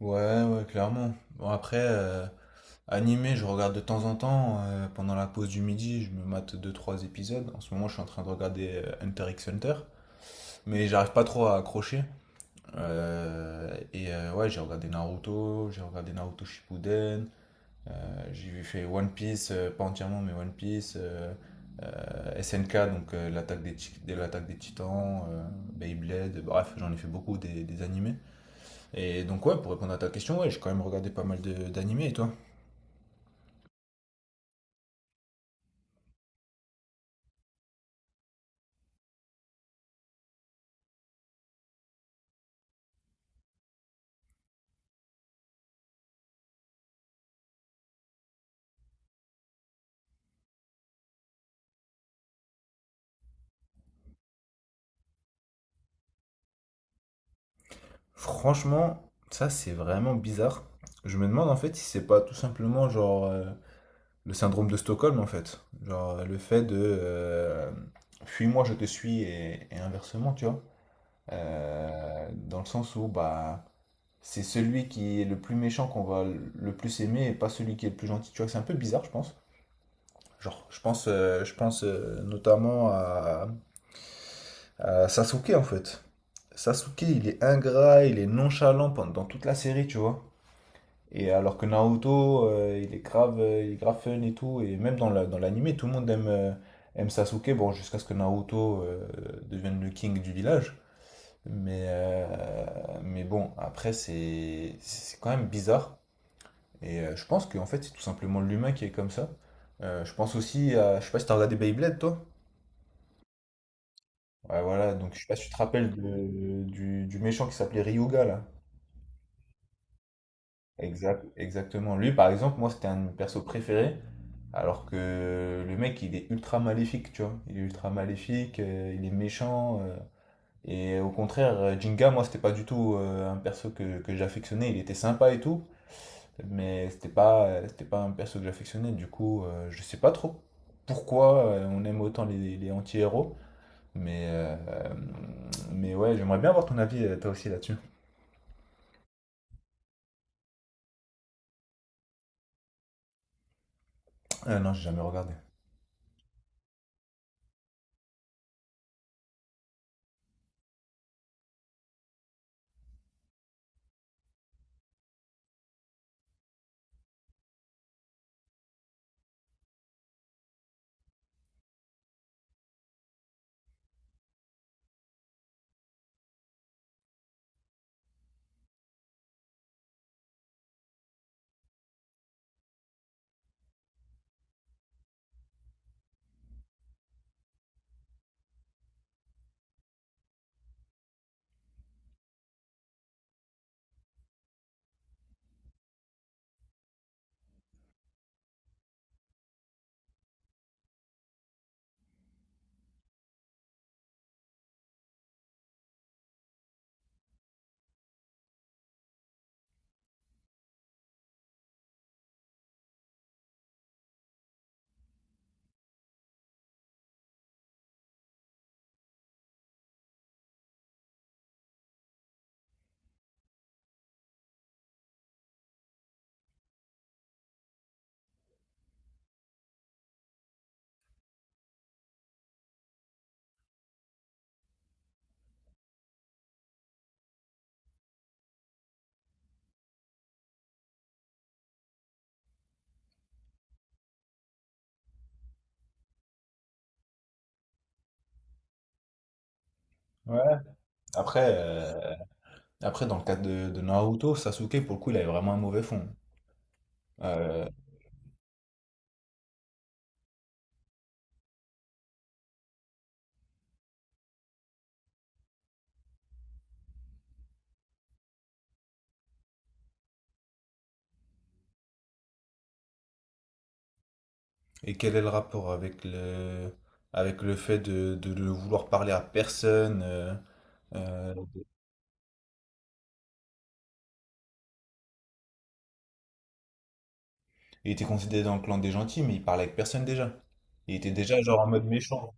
Ouais, ouais, clairement. Bon, après, animé, je regarde de temps en temps. Pendant la pause du midi, je me mate deux trois épisodes. En ce moment, je suis en train de regarder Hunter x Hunter. Mais j'arrive pas trop à accrocher. Ouais, j'ai regardé Naruto Shippuden. J'ai fait One Piece, pas entièrement, mais One Piece. SNK, donc l'attaque de l'attaque des Titans, Beyblade. Bref, j'en ai fait beaucoup des animés. Et donc ouais, pour répondre à ta question, ouais, j'ai quand même regardé pas mal d'animés, et toi? Franchement, ça c'est vraiment bizarre. Je me demande en fait si c'est pas tout simplement genre le syndrome de Stockholm en fait. Genre le fait de fuis-moi, je te suis et inversement, tu vois. Dans le sens où bah c'est celui qui est le plus méchant qu'on va le plus aimer et pas celui qui est le plus gentil. Tu vois, c'est un peu bizarre, je pense. Je pense notamment à Sasuke en fait. Sasuke, il est ingrat, il est nonchalant pendant dans toute la série, tu vois. Et alors que Naruto, il est grave fun et tout. Et même dans dans l'anime, tout le monde aime Sasuke. Bon, jusqu'à ce que Naruto devienne le king du village. Mais, euh, mais bon, après, c'est quand même bizarre. Je pense qu'en fait, c'est tout simplement l'humain qui est comme ça. Je pense aussi à. Je sais pas si t'as regardé Beyblade, toi? Ouais, voilà. Donc, je sais pas si tu te rappelles du méchant qui s'appelait Ryuga, là. Exact, exactement. Lui, par exemple, moi, c'était un de mes persos préférés. Alors que le mec, il est ultra maléfique, tu vois. Il est ultra maléfique, il est méchant. Et au contraire, Jinga, moi, c'était pas du tout un perso que j'affectionnais. Il était sympa et tout, mais c'était pas un perso que j'affectionnais. Du coup, je sais pas trop pourquoi on aime autant les anti-héros. Mais, euh, mais ouais, j'aimerais bien avoir ton avis, toi aussi, là-dessus. Non, j'ai jamais regardé. Ouais. Après, après, dans le cadre de Naruto, Sasuke, pour le coup, il avait vraiment un mauvais fond. Euh, Et quel est le rapport avec avec le fait de vouloir parler à personne euh, il était considéré dans le clan des gentils, mais il parlait avec personne déjà. Il était déjà genre en mode méchant.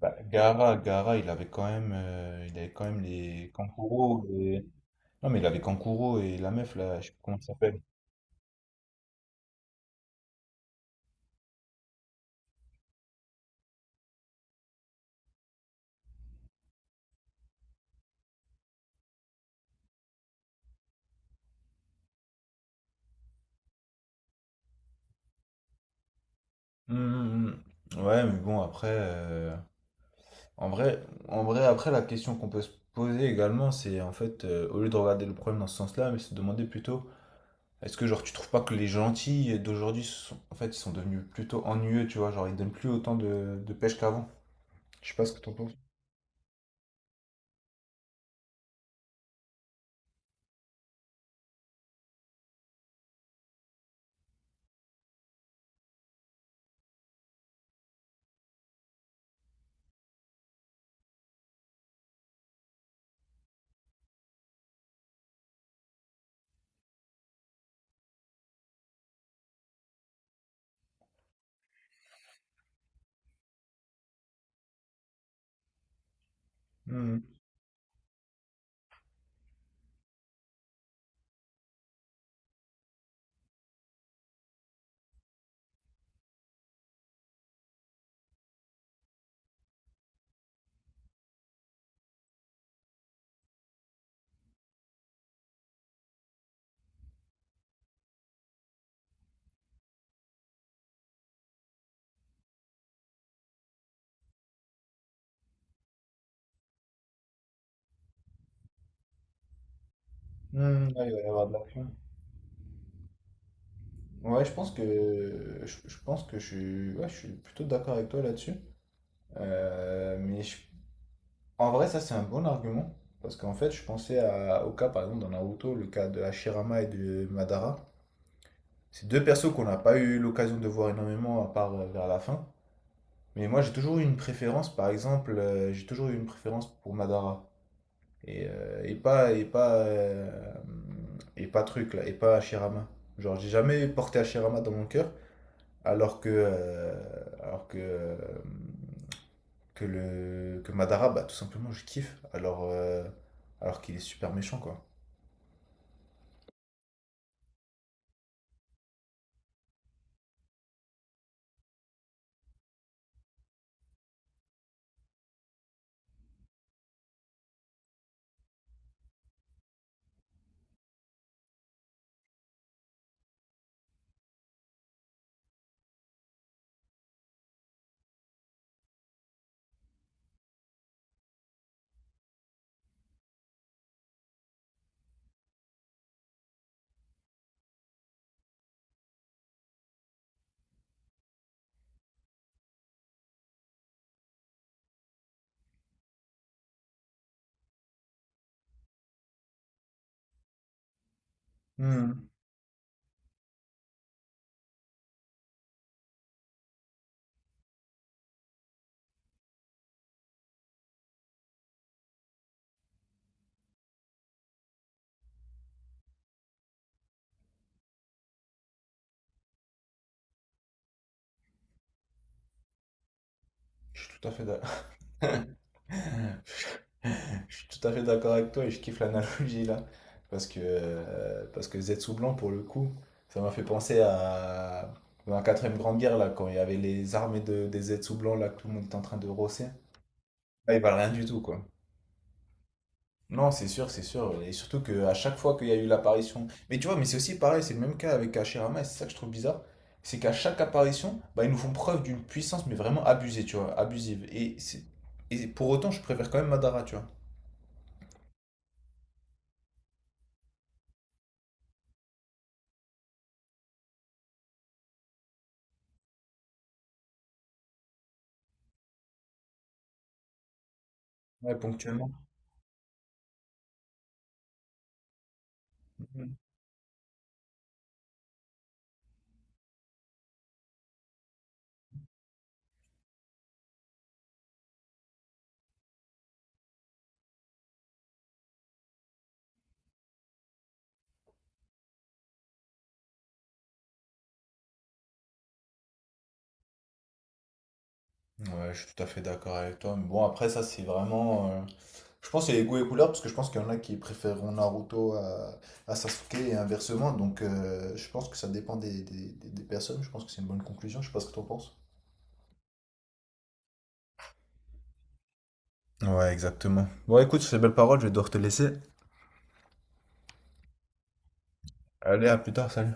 Bah, Gaara, il avait quand même, il avait quand même les Kankuro. Non, mais il avait Kankuro et la meuf là, je sais plus comment elle s'appelle. Hum, hum, Ouais, mais bon, après, en vrai, en vrai, après, la question qu'on peut se poser également, c'est en fait, au lieu de regarder le problème dans ce sens-là, mais se demander plutôt. Est-ce que genre tu trouves pas que les gentils d'aujourd'hui sont en fait ils sont devenus plutôt ennuyeux, tu vois, genre ils donnent plus autant de pêche qu'avant. Je sais pas ce que t'en penses. Hmm. Hmm, ouais, il va y avoir de l'action. Ouais, je pense je pense que je suis ouais, je suis plutôt d'accord avec toi là-dessus. Euh, mais je- En vrai, ça c'est un bon argument parce qu'en fait, au cas par exemple dans Naruto, le cas de Hashirama et de Madara. C'est deux persos qu'on n'a pas eu l'occasion de voir énormément à part vers la fin. Mais moi, j'ai toujours eu une préférence, par exemple, j'ai toujours eu une préférence pour Madara. Et pas, et pas, et pas truc, là, et pas Hashirama. Genre, j'ai jamais porté Hashirama dans mon cœur, alors que, euh, alors que, que Madara, bah, tout simplement, je kiffe. Alors qu'il est super méchant, quoi. Hmm. Je suis tout à fait d'accord. Je suis tout à fait d'accord avec toi et je kiffe l'analogie là. Parce que Zetsu Blanc, pour le coup, ça m'a fait penser à la quatrième grande guerre là, quand il y avait les armées des Zetsu Blanc là, que tout le monde était en train de rosser. Là, ils valent rien du tout quoi. Non, c'est sûr, c'est sûr. Et surtout qu'à chaque fois qu'il y a eu l'apparition. Mais tu vois, mais c'est aussi pareil, c'est le même cas avec Hashirama et c'est ça que je trouve bizarre. C'est qu'à chaque apparition, bah, ils nous font preuve d'une puissance, mais vraiment abusée, tu vois, abusive. Et pour autant, je préfère quand même Madara, tu vois. Ouais, ponctuellement. Ouais, je suis tout à fait d'accord avec toi. Mais bon, après, ça, c'est vraiment. Je pense que c'est les goûts et couleurs, parce que je pense qu'il y en a qui préféreront Naruto à Sasuke et inversement. Donc, je pense que ça dépend des personnes. Je pense que c'est une bonne conclusion. Je sais pas ce que t'en penses. Ouais, exactement. Bon, écoute, sur ces belles paroles, je vais devoir te laisser. Allez, à plus tard, salut.